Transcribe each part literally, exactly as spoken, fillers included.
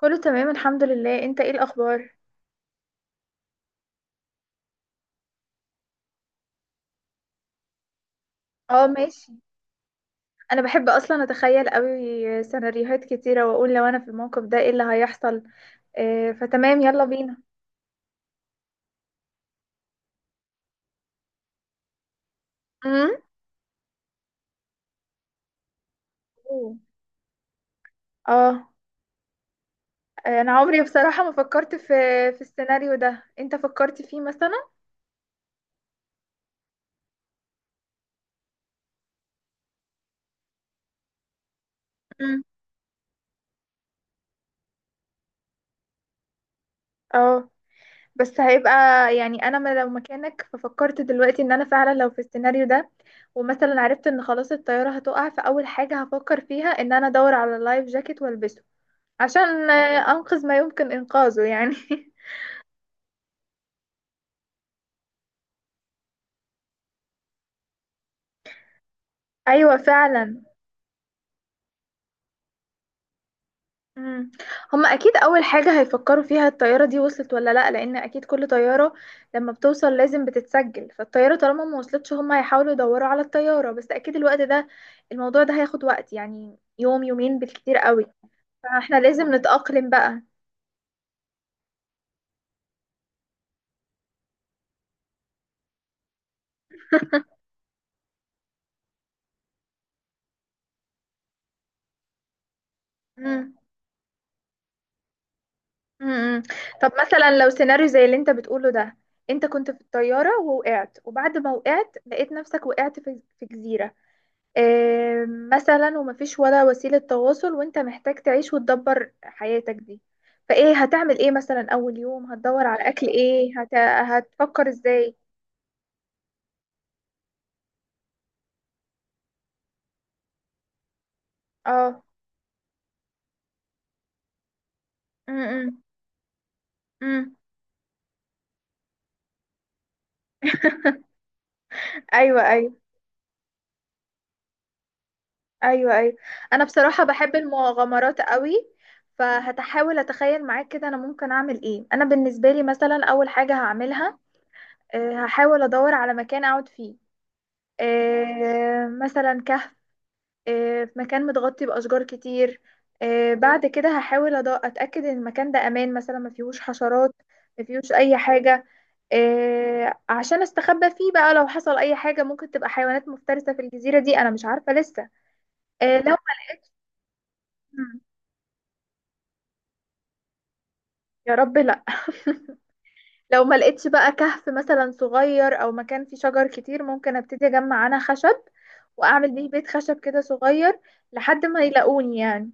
كله تمام الحمد لله، انت ايه الاخبار؟ اه ماشي. انا بحب اصلا اتخيل قوي سيناريوهات كتيره واقول لو انا في الموقف ده ايه اللي هيحصل. آه فتمام يلا بينا. امم اه انا عمري بصراحه ما فكرت في في السيناريو ده، انت فكرت فيه مثلا؟ امم اه بس هيبقى يعني، انا ما لو مكانك ففكرت دلوقتي ان انا فعلا لو في السيناريو ده ومثلا عرفت ان خلاص الطياره هتقع، فاول حاجه هفكر فيها ان انا ادور على لايف جاكيت والبسه عشان آه، أنقذ ما يمكن إنقاذه يعني. أيوة فعلا. مم. هما أكيد أول حاجة هيفكروا فيها الطيارة دي وصلت ولا لأ، لأن أكيد كل طيارة لما بتوصل لازم بتتسجل، فالطيارة طالما ما وصلتش هما هيحاولوا يدوروا على الطيارة، بس أكيد الوقت ده الموضوع ده هياخد وقت يعني يوم يومين بالكتير قوي، فاحنا لازم نتأقلم بقى. مم. مم. طب مثلا لو سيناريو زي اللي انت بتقوله ده، انت كنت في الطيارة ووقعت وبعد ما وقعت لقيت نفسك وقعت في في جزيرة، آم، مثلا ومفيش ولا وسيلة تواصل وانت محتاج تعيش وتدبر حياتك دي، فايه هتعمل ايه مثلا؟ اول يوم هتدور على اكل ايه؟ هت... هتفكر ازاي؟ اه. امم. امم. ايوه ايوه ايوه ايوه انا بصراحة بحب المغامرات قوي. فهتحاول اتخيل معاك كده انا ممكن اعمل ايه. انا بالنسبة لي مثلا اول حاجة هعملها، آه، هحاول ادور على مكان اقعد فيه، آه، مثلا كهف، آه، في مكان متغطي بأشجار كتير. آه، بعد كده هحاول أض- أتأكد إن المكان ده أمان، مثلا ما فيهوش حشرات، ما فيهوش أي حاجة، آه، عشان أستخبى فيه بقى لو حصل أي حاجة، ممكن تبقى حيوانات مفترسة في الجزيرة دي، أنا مش عارفة لسه. آه، لو يا رب لأ. لو ما لقيتش بقى كهف مثلا صغير أو مكان فيه شجر كتير، ممكن أبتدي أجمع أنا خشب وأعمل بيه بيت خشب كده صغير لحد ما يلاقوني يعني.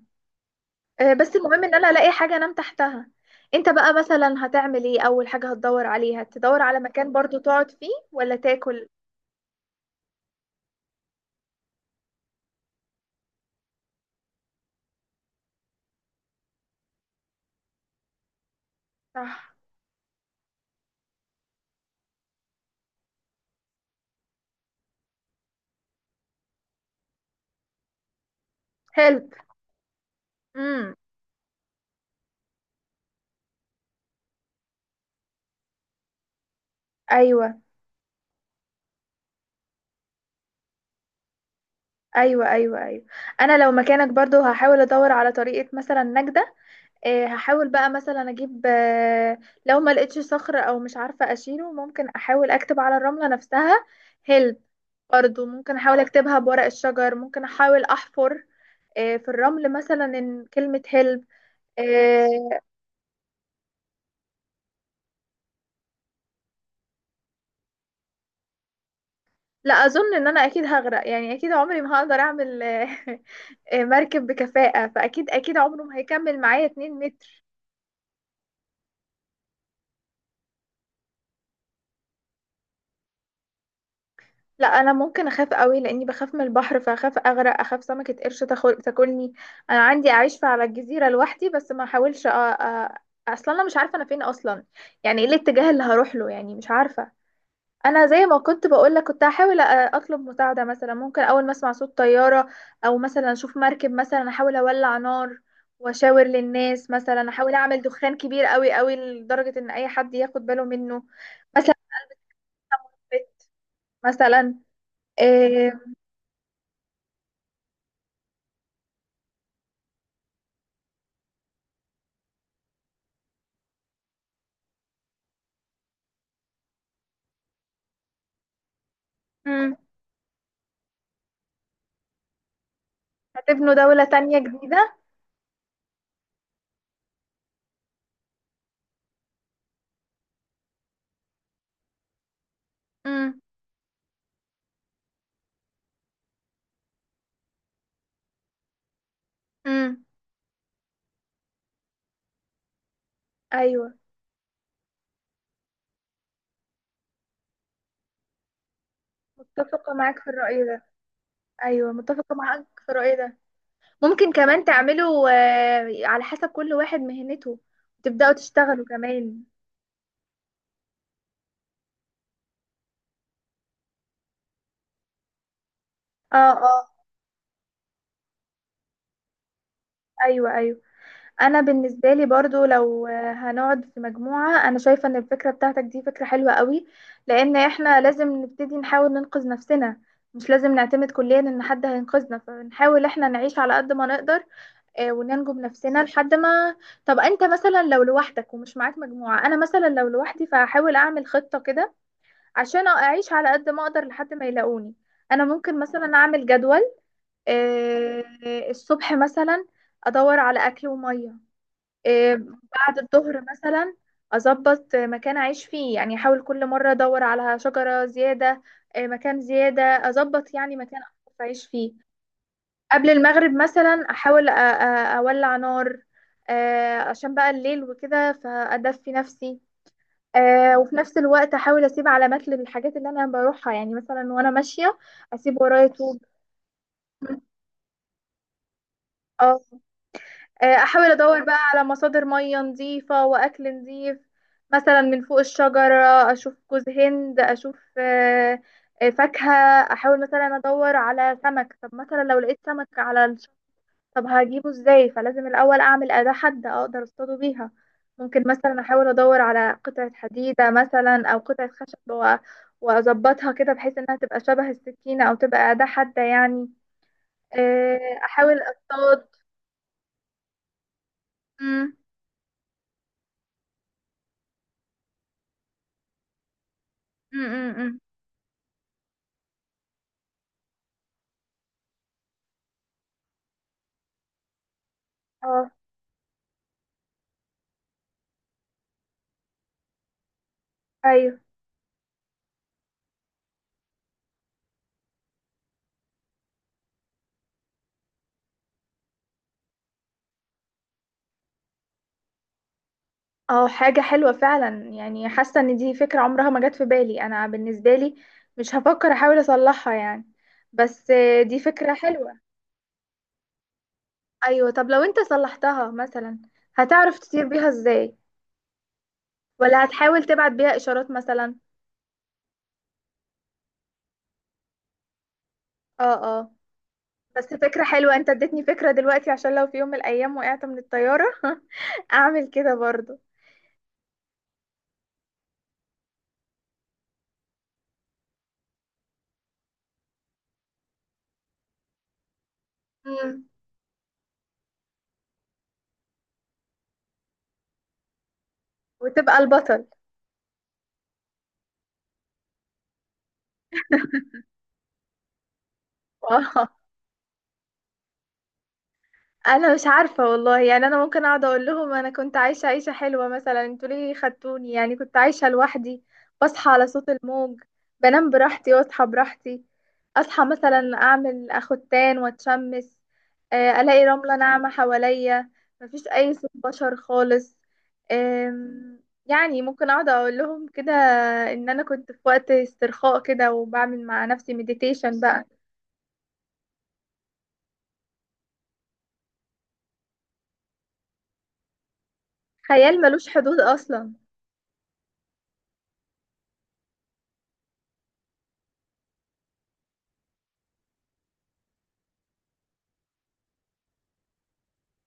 آه، بس المهم ان انا الاقي حاجه انام تحتها. انت بقى مثلا هتعمل ايه؟ اول حاجه هتدور عليها تدور على مكان برضو تقعد فيه ولا تاكل؟ صح. هيلب. امم. ايوه ايوه ايوه ايوه انا لو مكانك برضو هحاول ادور على طريقه مثلا نجده. آه، هحاول بقى مثلا اجيب آه، لو ما لقيتش صخر او مش عارفه اشيله، ممكن احاول اكتب على الرمله نفسها هيلب. برضو ممكن احاول اكتبها بورق الشجر، ممكن احاول احفر آه، في الرمل مثلا إن كلمه هيلب. إيه، لا اظن ان انا اكيد هغرق يعني، اكيد عمري ما هقدر اعمل إيه، مركب بكفاءة، فاكيد اكيد عمره ما هيكمل معايا اتنين متر. لا انا ممكن اخاف قوي لاني بخاف من البحر، فاخاف اغرق، اخاف سمكة قرش تاخل- تاكلني. انا عندي اعيش على الجزيرة لوحدي بس ما احاولش أ... أ... اصلا انا مش عارفة انا فين اصلا، يعني ايه الاتجاه اللي هروح له؟ يعني مش عارفة. انا زي ما كنت بقولك كنت هحاول أ- اطلب مساعده، مثلا ممكن اول ما اسمع صوت طياره او مثلا اشوف مركب، مثلا احاول اولع نار واشاور للناس، مثلا احاول اعمل دخان كبير قوي قوي لدرجه ان اي حد ياخد باله منه. مثلا مثلا إيه. مم، هتبنوا دوله تانية جديده؟ امم. امم. ايوه متفقه معاك في الراي ده. ايوه متفقه معاك في الراي ده. ممكن كمان تعملوا آه، على حسب كل واحد مهنته تبدأوا تشتغلوا كمان. اه اه. ايوه ايوه انا بالنسبه لي برضو لو هنقعد في مجموعه، انا شايفه ان الفكره بتاعتك دي فكره حلوه قوي، لان احنا لازم نبتدي نحاول ننقذ نفسنا، مش لازم نعتمد كليا ان حد هينقذنا، فنحاول احنا نعيش على قد ما نقدر، آه، وننجو بنفسنا لحد ما. طب انت مثلا لو لوحدك ومش معاك مجموعه؟ انا مثلا لو لوحدي فهحاول اعمل خطه كده عشان اعيش على قد ما اقدر لحد ما يلاقوني. انا ممكن مثلا اعمل جدول، آه، الصبح مثلا ادور على اكل وميه، آه، بعد الظهر مثلا اظبط مكان اعيش فيه، يعني احاول كل مره ادور على شجره زياده، آه، مكان زياده اظبط يعني مكان أعرف اعيش فيه. قبل المغرب مثلا احاول أ- أ- اولع نار آه، عشان بقى الليل وكده فادفي نفسي. آه، وفي نفس الوقت احاول اسيب علامات للحاجات اللي انا بروحها، يعني مثلا وانا ماشيه اسيب ورايا طوب. اه. آه، احاول ادور بقى على مصادر مية نظيفة واكل نظيف، مثلا من فوق الشجرة اشوف جوز هند، اشوف آه، آه، فاكهة. احاول مثلا ادور على سمك. طب مثلا لو لقيت سمك على الشط، طب هجيبه ازاي؟ فلازم الاول اعمل اداة حادة اقدر اصطاده بيها. ممكن مثلا احاول ادور على قطعة حديدة مثلا او قطعة خشب و- واظبطها كده بحيث انها تبقى شبه السكينة او تبقى اداة حادة يعني. آه، احاول اصطاد. مم، مم، مم، مم. اه. ايوه. اه حاجة حلوة فعلا، يعني حاسة ان دي فكرة عمرها ما جت في بالي. انا بالنسبة لي مش هفكر احاول اصلحها يعني، بس آه، دي فكرة حلوة. ايوه طب لو انت صلحتها مثلا، هتعرف تطير بيها ازاي ولا هتحاول تبعت بيها اشارات مثلا؟ اه. اه. بس فكرة حلوة، انت اديتني فكرة دلوقتي عشان لو في يوم من الايام وقعت من الطيارة اعمل كده برضو. مم. وتبقى البطل. انا مش عارفه والله يعني، انا ممكن اقعد اقول لهم انا كنت عايشه عيشه حلوه، مثلا انتوا ليه خدتوني؟ يعني كنت عايشه لوحدي، بصحى على صوت الموج، بنام براحتي واصحى براحتي، اصحى مثلا اعمل اخدتان واتشمس، آه، الاقي رمله ناعمه حواليا، مفيش اي صوت بشر خالص. آم، يعني ممكن اقعد اقول لهم كده ان انا كنت في وقت استرخاء كده وبعمل مع نفسي مديتيشن بقى. خيال ملوش حدود اصلا.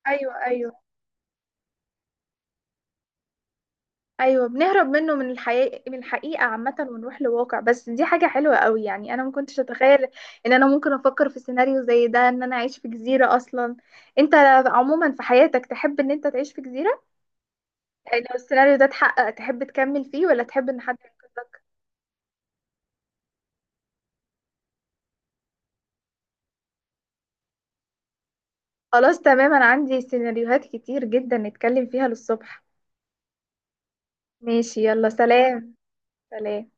ايوه ايوه ايوه بنهرب منه، من الحقيقة، من الحقيقة عامة، ونروح لواقع، بس دي حاجة حلوة قوي يعني. انا ما كنتش اتخيل ان انا ممكن افكر في سيناريو زي ده ان انا اعيش في جزيرة اصلا. انت عموما في حياتك تحب ان انت تعيش في جزيرة؟ يعني لو السيناريو ده اتحقق تحب تكمل فيه ولا تحب ان حد ينقذك؟ خلاص تمام، انا عندي سيناريوهات كتير جدا نتكلم فيها للصبح. ماشي يلا سلام. سلام.